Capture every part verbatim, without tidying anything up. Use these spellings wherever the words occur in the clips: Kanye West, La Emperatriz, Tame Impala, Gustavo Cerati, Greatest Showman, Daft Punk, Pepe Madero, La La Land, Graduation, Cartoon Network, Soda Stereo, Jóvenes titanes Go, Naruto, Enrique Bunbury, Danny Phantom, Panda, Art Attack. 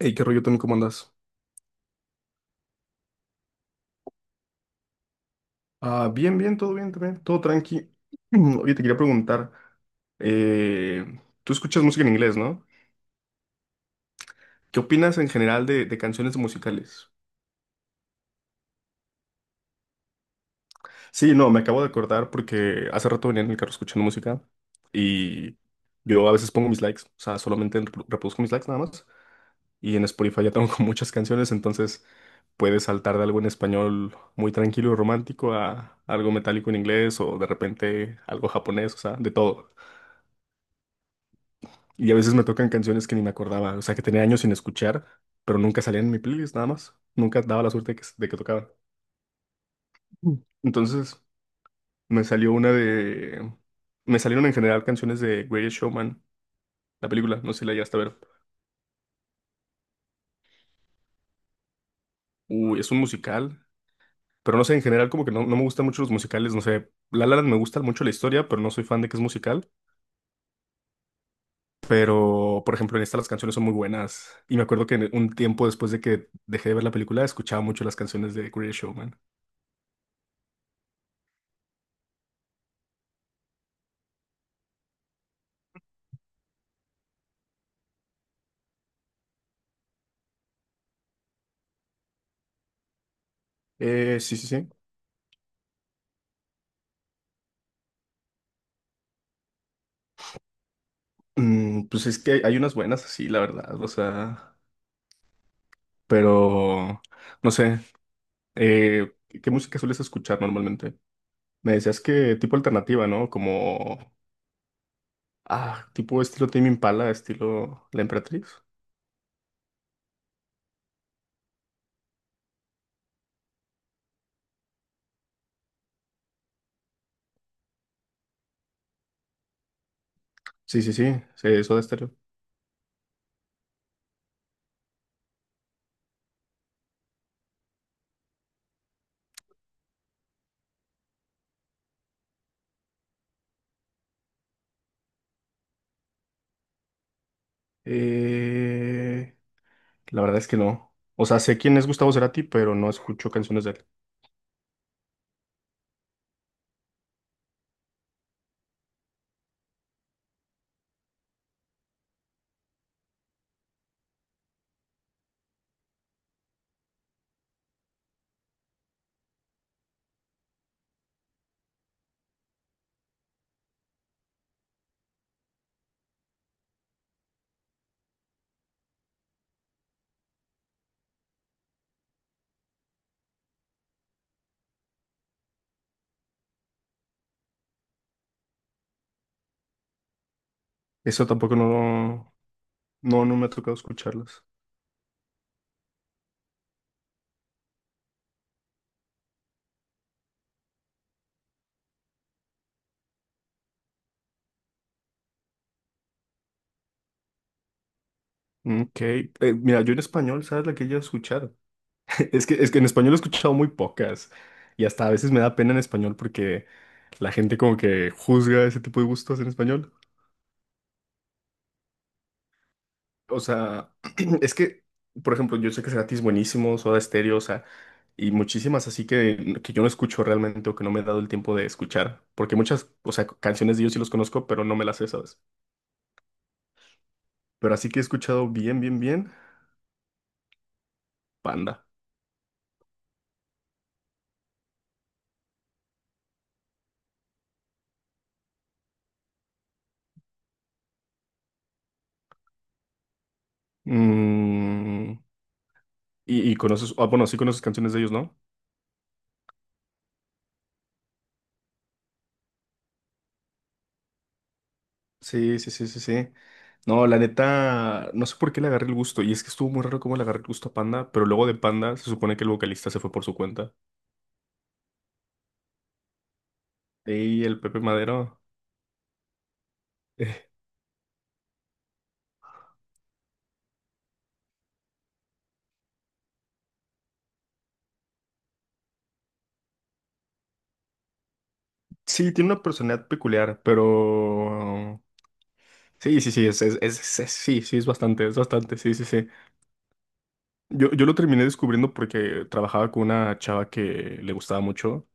Hey, ¿qué rollo también? ¿Cómo andas? Ah, bien, bien, todo bien también, todo tranqui. Oye, te quería preguntar, eh, tú escuchas música en inglés, ¿no? ¿Qué opinas en general de, de canciones musicales? Sí, no, me acabo de acordar porque hace rato venía en el carro escuchando música y yo a veces pongo mis likes, o sea, solamente repro- reproduzco mis likes nada más. Y en Spotify ya tengo muchas canciones, entonces puedes saltar de algo en español muy tranquilo y romántico a algo metálico en inglés o de repente algo japonés, o sea, de todo. Y a veces me tocan canciones que ni me acordaba, o sea, que tenía años sin escuchar, pero nunca salían en mi playlist, nada más. Nunca daba la suerte de que, de que tocaban. Mm. Entonces, me salió una de... Me salieron en general canciones de Greatest Showman, la película, no sé si la llegaste a ver. Uy, es un musical, pero no sé, en general como que no, no me gustan mucho los musicales, no sé. La La Land me gusta mucho la historia, pero no soy fan de que es musical. Pero, por ejemplo, en esta las canciones son muy buenas. Y me acuerdo que en- un tiempo después de que dejé de ver la película, escuchaba mucho las canciones de Greatest Showman. Eh, sí, sí, sí. Mm, pues es que hay unas buenas así, la verdad, o sea, pero no sé, eh, ¿qué música sueles escuchar normalmente? Me decías que tipo alternativa, ¿no? Como, ah, tipo estilo Tame Impala, estilo La Emperatriz. Sí, sí, sí, sí, eso de estéreo. Eh, la verdad es que no. O sea, sé quién es Gustavo Cerati, pero no escucho canciones de él. Eso tampoco no, no, no me ha tocado escucharlas. Mm, ok, eh, mira, yo en español, ¿sabes la que yo escuchar? Es que, es que en español he escuchado muy pocas y hasta a veces me da pena en español porque la gente como que juzga ese tipo de gustos en español. O sea, es que, por ejemplo, yo sé que Cerati es buenísimo, Soda Stereo, o sea, y muchísimas así que, que yo no escucho realmente o que no me he dado el tiempo de escuchar, porque muchas, o sea, canciones de ellos sí los conozco, pero no me las sé, ¿sabes? Pero así que he escuchado bien, bien, bien, Panda. Mm, y, y conoces, ah, bueno, sí conoces canciones de ellos, ¿no? Sí, sí, sí, sí, sí. No, la neta, no sé por qué le agarré el gusto. Y es que estuvo muy raro cómo le agarré el gusto a Panda, pero luego de Panda se supone que el vocalista se fue por su cuenta. Y el Pepe Madero. eh, sí, tiene una personalidad peculiar, pero... Sí, sí, sí, es, es, es- es- sí, sí, es bastante, es bastante, sí, sí, sí. Yo, yo lo terminé descubriendo porque trabajaba con una chava que le gustaba mucho,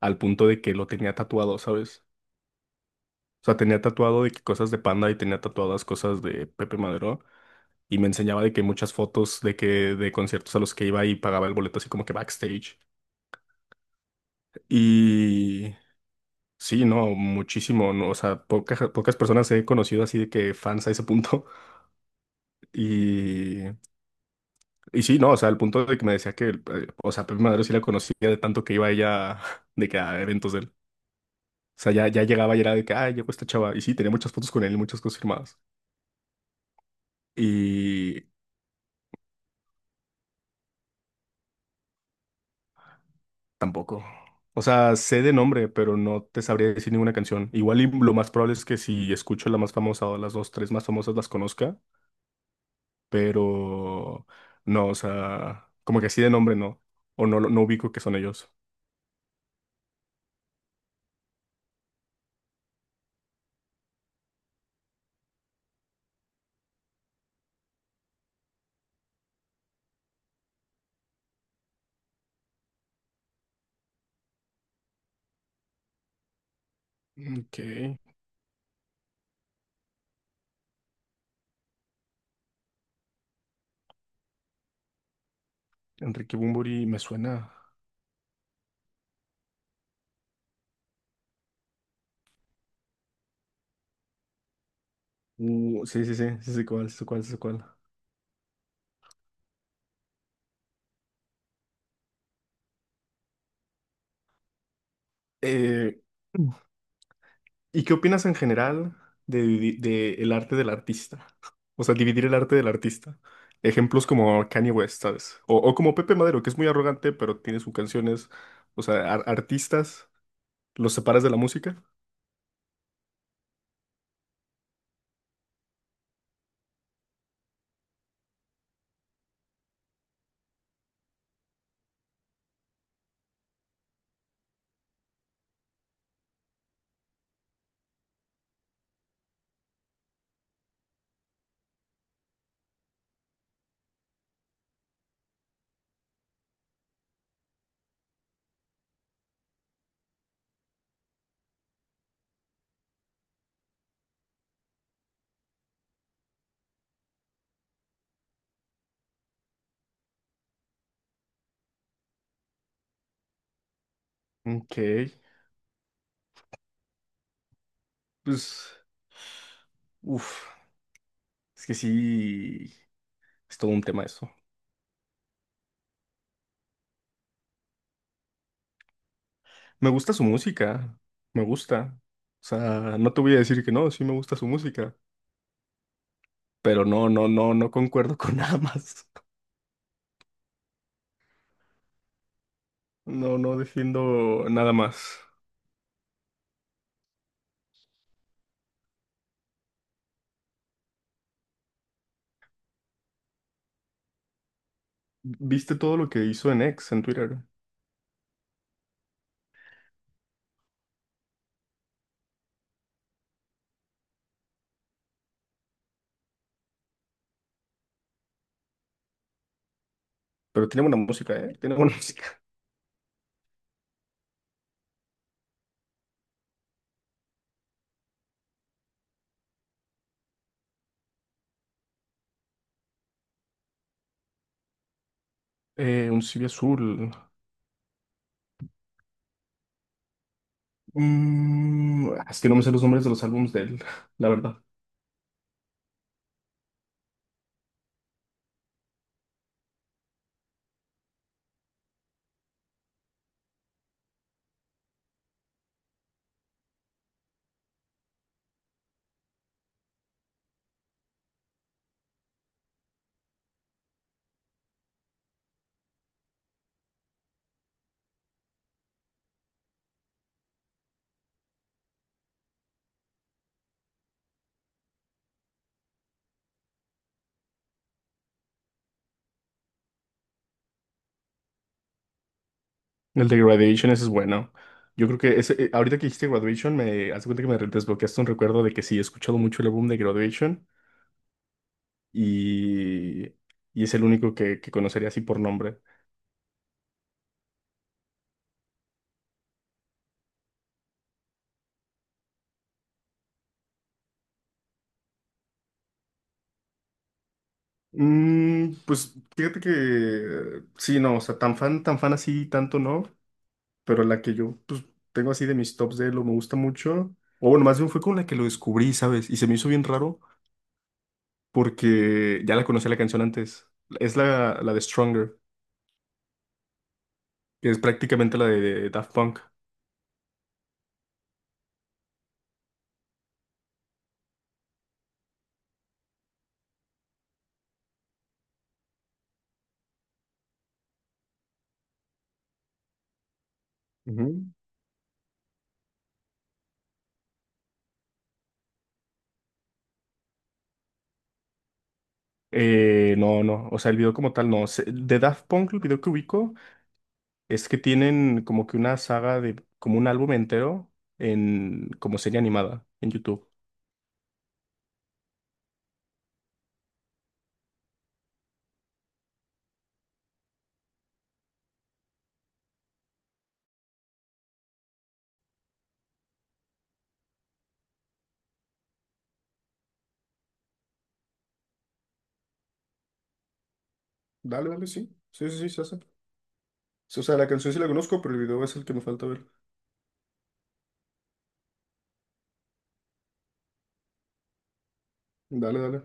al punto de que lo tenía tatuado, ¿sabes? O sea, tenía tatuado de que cosas de Panda y tenía tatuadas cosas de Pepe Madero. Y me enseñaba de que muchas fotos de que de conciertos a los que iba y pagaba el boleto así como que backstage. Y sí, no, muchísimo, no, o sea, poca- pocas personas he conocido así de que fans a ese punto. Y, y sí, no, o sea, al punto de que me decía que, eh, o sea, Pepe Madero sí la conocía de tanto que iba ella de que a eventos de él. O sea, ya, ya llegaba y era de que, ah, llegó esta chava. Y sí, tenía muchas fotos con él y muchas cosas firmadas. Y, tampoco. O sea, sé de nombre, pero no te sabría decir ninguna canción. Igual y lo más probable es que si escucho la más famosa o las dos, tres más famosas las conozca, pero no, o sea, como que así de nombre no. O no, no ubico que son ellos. Ok. Enrique Bunbury me suena. Uh, sí, sí, sí, sí, sí, cuál, sí, cuál, sí, cuál. Eh, ¿Y qué opinas en general de, divi- de el arte del artista? O sea, dividir el arte del artista. Ejemplos como Kanye West, ¿sabes? O, o como Pepe Madero, que es muy arrogante, pero tiene sus canciones. O sea, ar- artistas, los separas de la música. Ok, pues... uff, es que sí, es todo un tema eso. Me gusta su música, me gusta. O sea, no te voy a decir que no, sí me gusta su música, pero no, no, no, no concuerdo con nada más. No, no defiendo nada más. ¿Viste todo lo que hizo en X en Twitter? Pero tiene buena música, ¿eh? Tiene buena música. Eh, un C V azul. Mm, ah, es que no me sé los nombres de los álbumes de él, la verdad. El de Graduation, ese es bueno. Yo creo que ese, eh, ahorita que hiciste Graduation, me hace cuenta que me desbloqueaste un recuerdo de que sí, he escuchado mucho el álbum de Graduation y, y es el único que, que conocería así por nombre. Mm, pues fíjate que eh, sí, no, o sea, tan fan, tan fan así, tanto no. Pero la que yo pues, tengo así de mis tops de lo me gusta mucho. O bueno, más bien fue con la que lo descubrí, ¿sabes? Y se me hizo bien raro porque ya la conocía la canción antes. Es la, la de Stronger, que es prácticamente la de Daft Punk. Ujú. Eh, no, no, o sea, el video como tal no. Se- De Daft Punk, el video que ubico es que tienen como que una saga de, como un álbum entero en, como serie animada en YouTube. Dale, dale, sí. Sí, sí, sí, se hace. O sea, la canción sí la conozco, pero el video es el que me falta ver. Dale, dale.